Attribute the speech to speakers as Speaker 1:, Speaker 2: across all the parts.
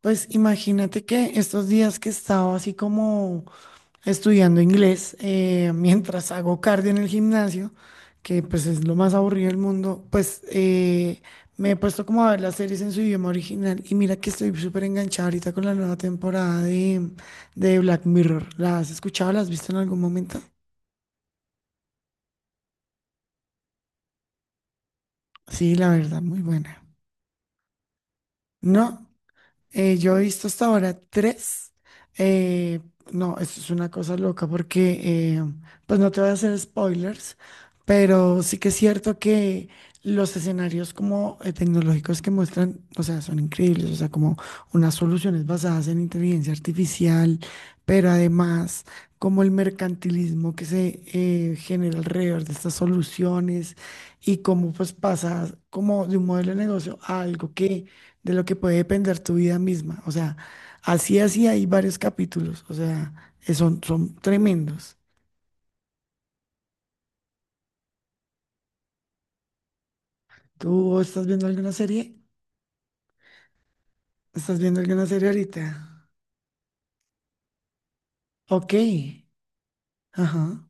Speaker 1: Pues imagínate que estos días que estaba así como estudiando inglés, mientras hago cardio en el gimnasio, que pues es lo más aburrido del mundo, pues me he puesto como a ver las series en su idioma original y mira que estoy súper enganchada ahorita con la nueva temporada de Black Mirror. ¿La has escuchado? ¿La has visto en algún momento? Sí, la verdad, muy buena. No. Yo he visto hasta ahora tres. Eh, no, esto es una cosa loca porque, pues no te voy a hacer spoilers, pero sí que es cierto que los escenarios como tecnológicos que muestran, o sea, son increíbles, o sea, como unas soluciones basadas en inteligencia artificial, pero además como el mercantilismo que se genera alrededor de estas soluciones y cómo pues pasa como de un modelo de negocio a algo que de lo que puede depender tu vida misma. O sea, así, así hay varios capítulos, o sea, son tremendos. ¿Tú estás viendo alguna serie? ¿Estás viendo alguna serie ahorita? Ok, ajá.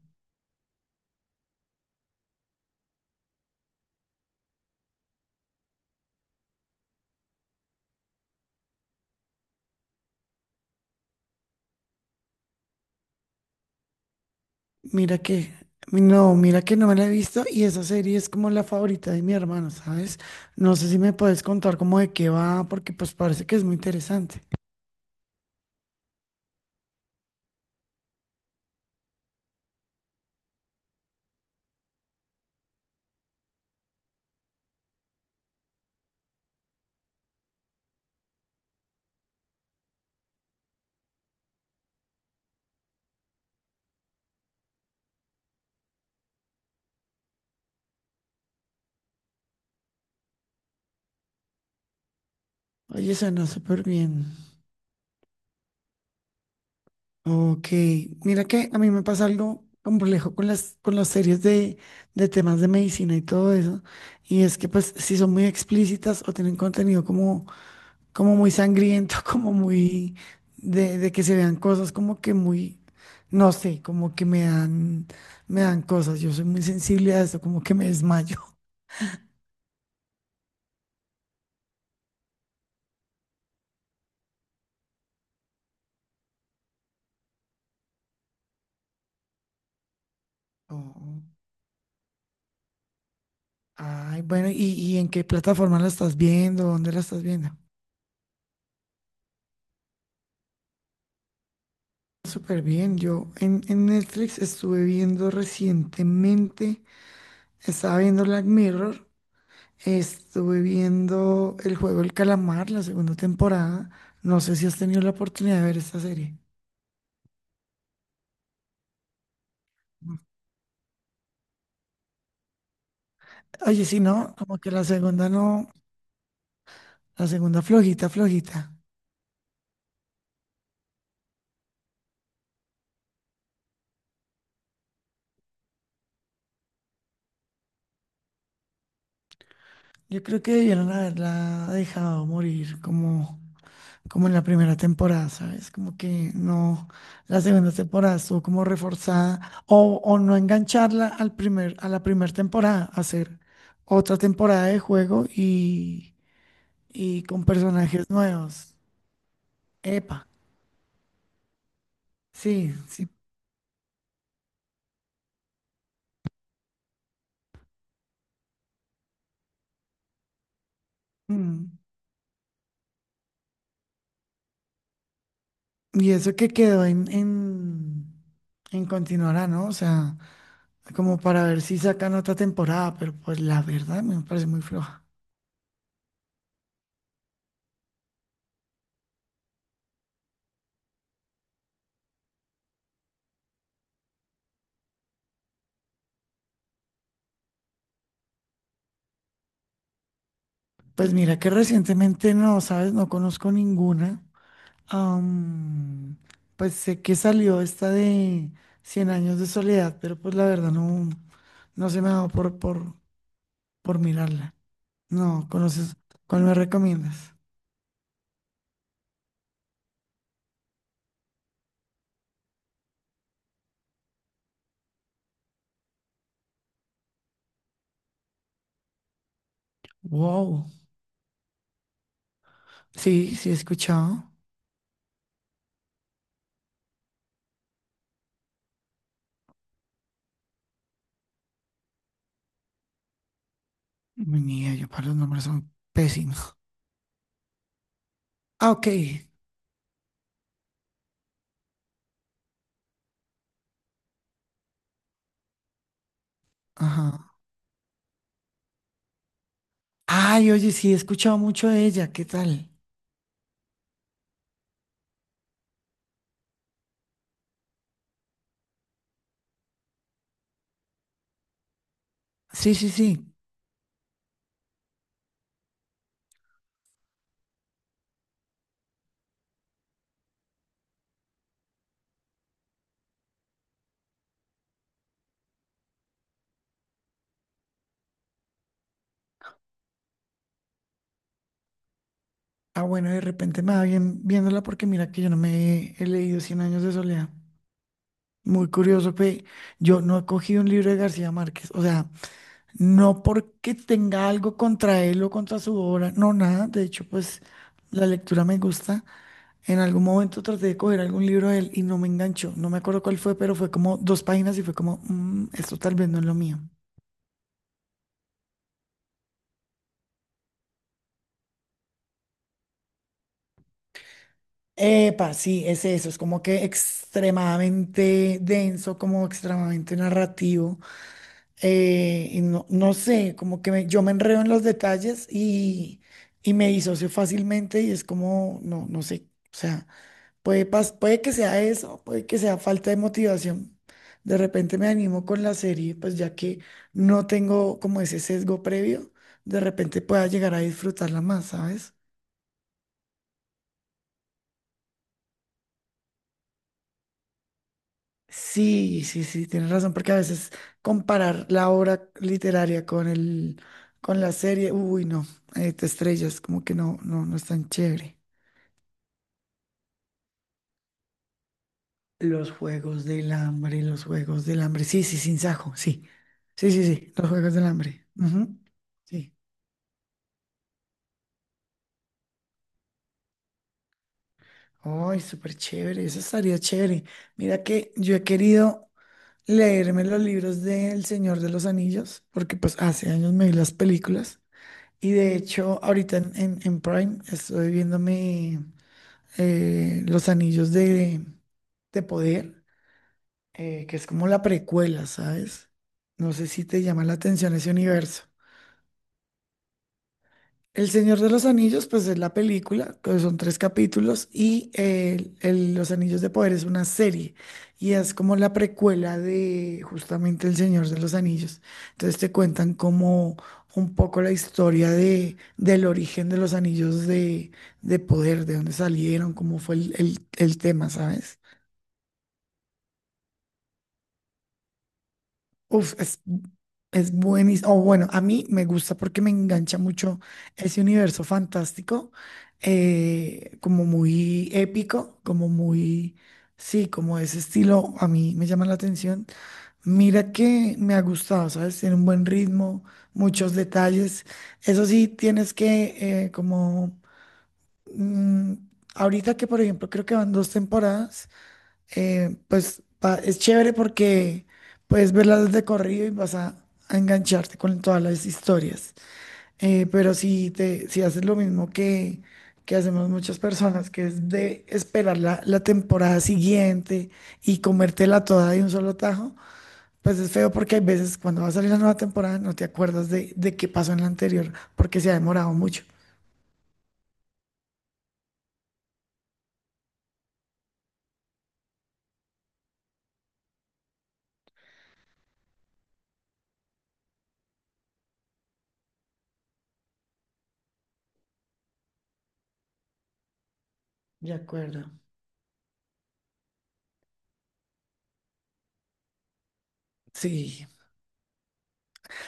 Speaker 1: Mira que, no, mira que no me la he visto y esa serie es como la favorita de mi hermano, ¿sabes? No sé si me puedes contar como de qué va, porque pues parece que es muy interesante. Oye, suena súper bien. Ok, mira que a mí me pasa algo complejo con las, series de temas de medicina y todo eso, y es que pues si son muy explícitas o tienen contenido como muy sangriento, como muy de, que se vean cosas como que muy, no sé, como que me dan cosas, yo soy muy sensible a eso, como que me desmayo. Oh, ay, bueno, ¿y en qué plataforma la estás viendo? ¿Dónde la estás viendo? Súper bien, yo en Netflix estuve viendo recientemente, estaba viendo Black Mirror, estuve viendo El Juego del Calamar, la segunda temporada, no sé si has tenido la oportunidad de ver esta serie. Oye, si no, como que la segunda no, la segunda flojita, flojita. Yo creo que debieron haberla dejado morir como en la primera temporada, ¿sabes? Como que no, la segunda temporada estuvo como reforzada o no engancharla al a la primera temporada, hacer otra temporada de juego y con personajes nuevos. Epa, sí, sí. Mm. Y eso que quedó en, en continuará, ¿no? O sea, como para ver si sacan otra temporada, pero pues la verdad me parece muy floja. Pues mira que recientemente no, ¿sabes? No conozco ninguna. Am, pues sé que salió esta de Cien años de soledad, pero pues la verdad no, no se me ha dado por mirarla. No, ¿conoces? ¿Cuál me recomiendas? Wow. Sí, sí he escuchado. Mi niña, yo para los nombres son pésimos. Ah, ok. Ajá. Ay, oye, sí he escuchado mucho de ella. ¿Qué tal? Sí, sí, sí. Ah, bueno, de repente me va bien viéndola porque mira que yo no me he leído Cien años de soledad. Muy curioso, pe. Yo no he cogido un libro de García Márquez, o sea, no porque tenga algo contra él o contra su obra, no, nada. De hecho, pues la lectura me gusta. En algún momento traté de coger algún libro de él y no me enganchó. No me acuerdo cuál fue, pero fue como dos páginas y fue como, "Mm, esto tal vez no es lo mío." Epa, sí, es eso, es como que extremadamente denso, como extremadamente narrativo. Y no, no sé, como que yo me enredo en los detalles y me disocio fácilmente y es como, no, no sé, o sea, puede que sea eso, puede que sea falta de motivación. De repente me animo con la serie, pues ya que no tengo como ese sesgo previo, de repente pueda llegar a disfrutarla más, ¿sabes? Sí, sí, sí, tienes razón, porque a veces comparar la obra literaria con con la serie, uy, no, te estrellas, como que no, no, no es tan chévere. Los Juegos del Hambre, los Juegos del Hambre, sí, sí, sin sajo, sí, sí, sí, sí, los Juegos del Hambre, ujú. Sí, ay, súper chévere, eso estaría chévere. Mira que yo he querido leerme los libros del Señor de los Anillos, porque pues hace años me vi las películas. Y de hecho, ahorita en, en Prime estoy viéndome Los Anillos de, Poder, que es como la precuela, ¿sabes? No sé si te llama la atención ese universo. El Señor de los Anillos, pues es la película, que son tres capítulos, y Los Anillos de Poder es una serie, y es como la precuela de justamente El Señor de los Anillos. Entonces te cuentan como un poco la historia de, del origen de los anillos de poder, de dónde salieron, cómo fue el, el tema, ¿sabes? Uf, es buenísimo. O bueno, a mí me gusta porque me engancha mucho ese universo fantástico, como muy épico, como muy, sí, como ese estilo a mí me llama la atención. Mira que me ha gustado, ¿sabes? Tiene un buen ritmo, muchos detalles. Eso sí, tienes que, como, mm, ahorita que por ejemplo creo que van dos temporadas pues es chévere porque puedes verlas de corrido y vas a engancharte con todas las historias. Pero si haces lo mismo que hacemos muchas personas, que es de esperar la temporada siguiente y comértela toda de un solo tajo, pues es feo porque hay veces cuando va a salir la nueva temporada no te acuerdas de qué pasó en la anterior porque se ha demorado mucho. De acuerdo. Sí,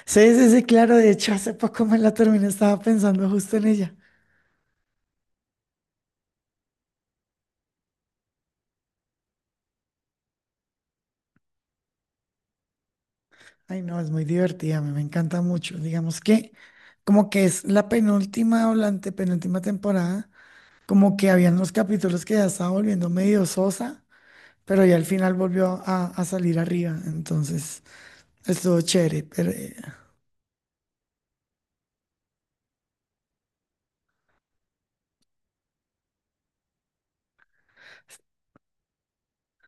Speaker 1: sí, sí, sí, claro, de hecho hace poco me la terminé, estaba pensando justo en ella. Ay, no, es muy divertida, me encanta mucho. Digamos que como que es la penúltima o la antepenúltima temporada, como que habían unos capítulos que ya estaba volviendo medio sosa, pero ya al final volvió a salir arriba, entonces estuvo chévere. Pero,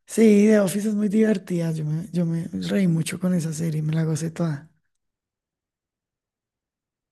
Speaker 1: sí, The Office es muy divertida, yo me, reí mucho con esa serie, me la gocé toda.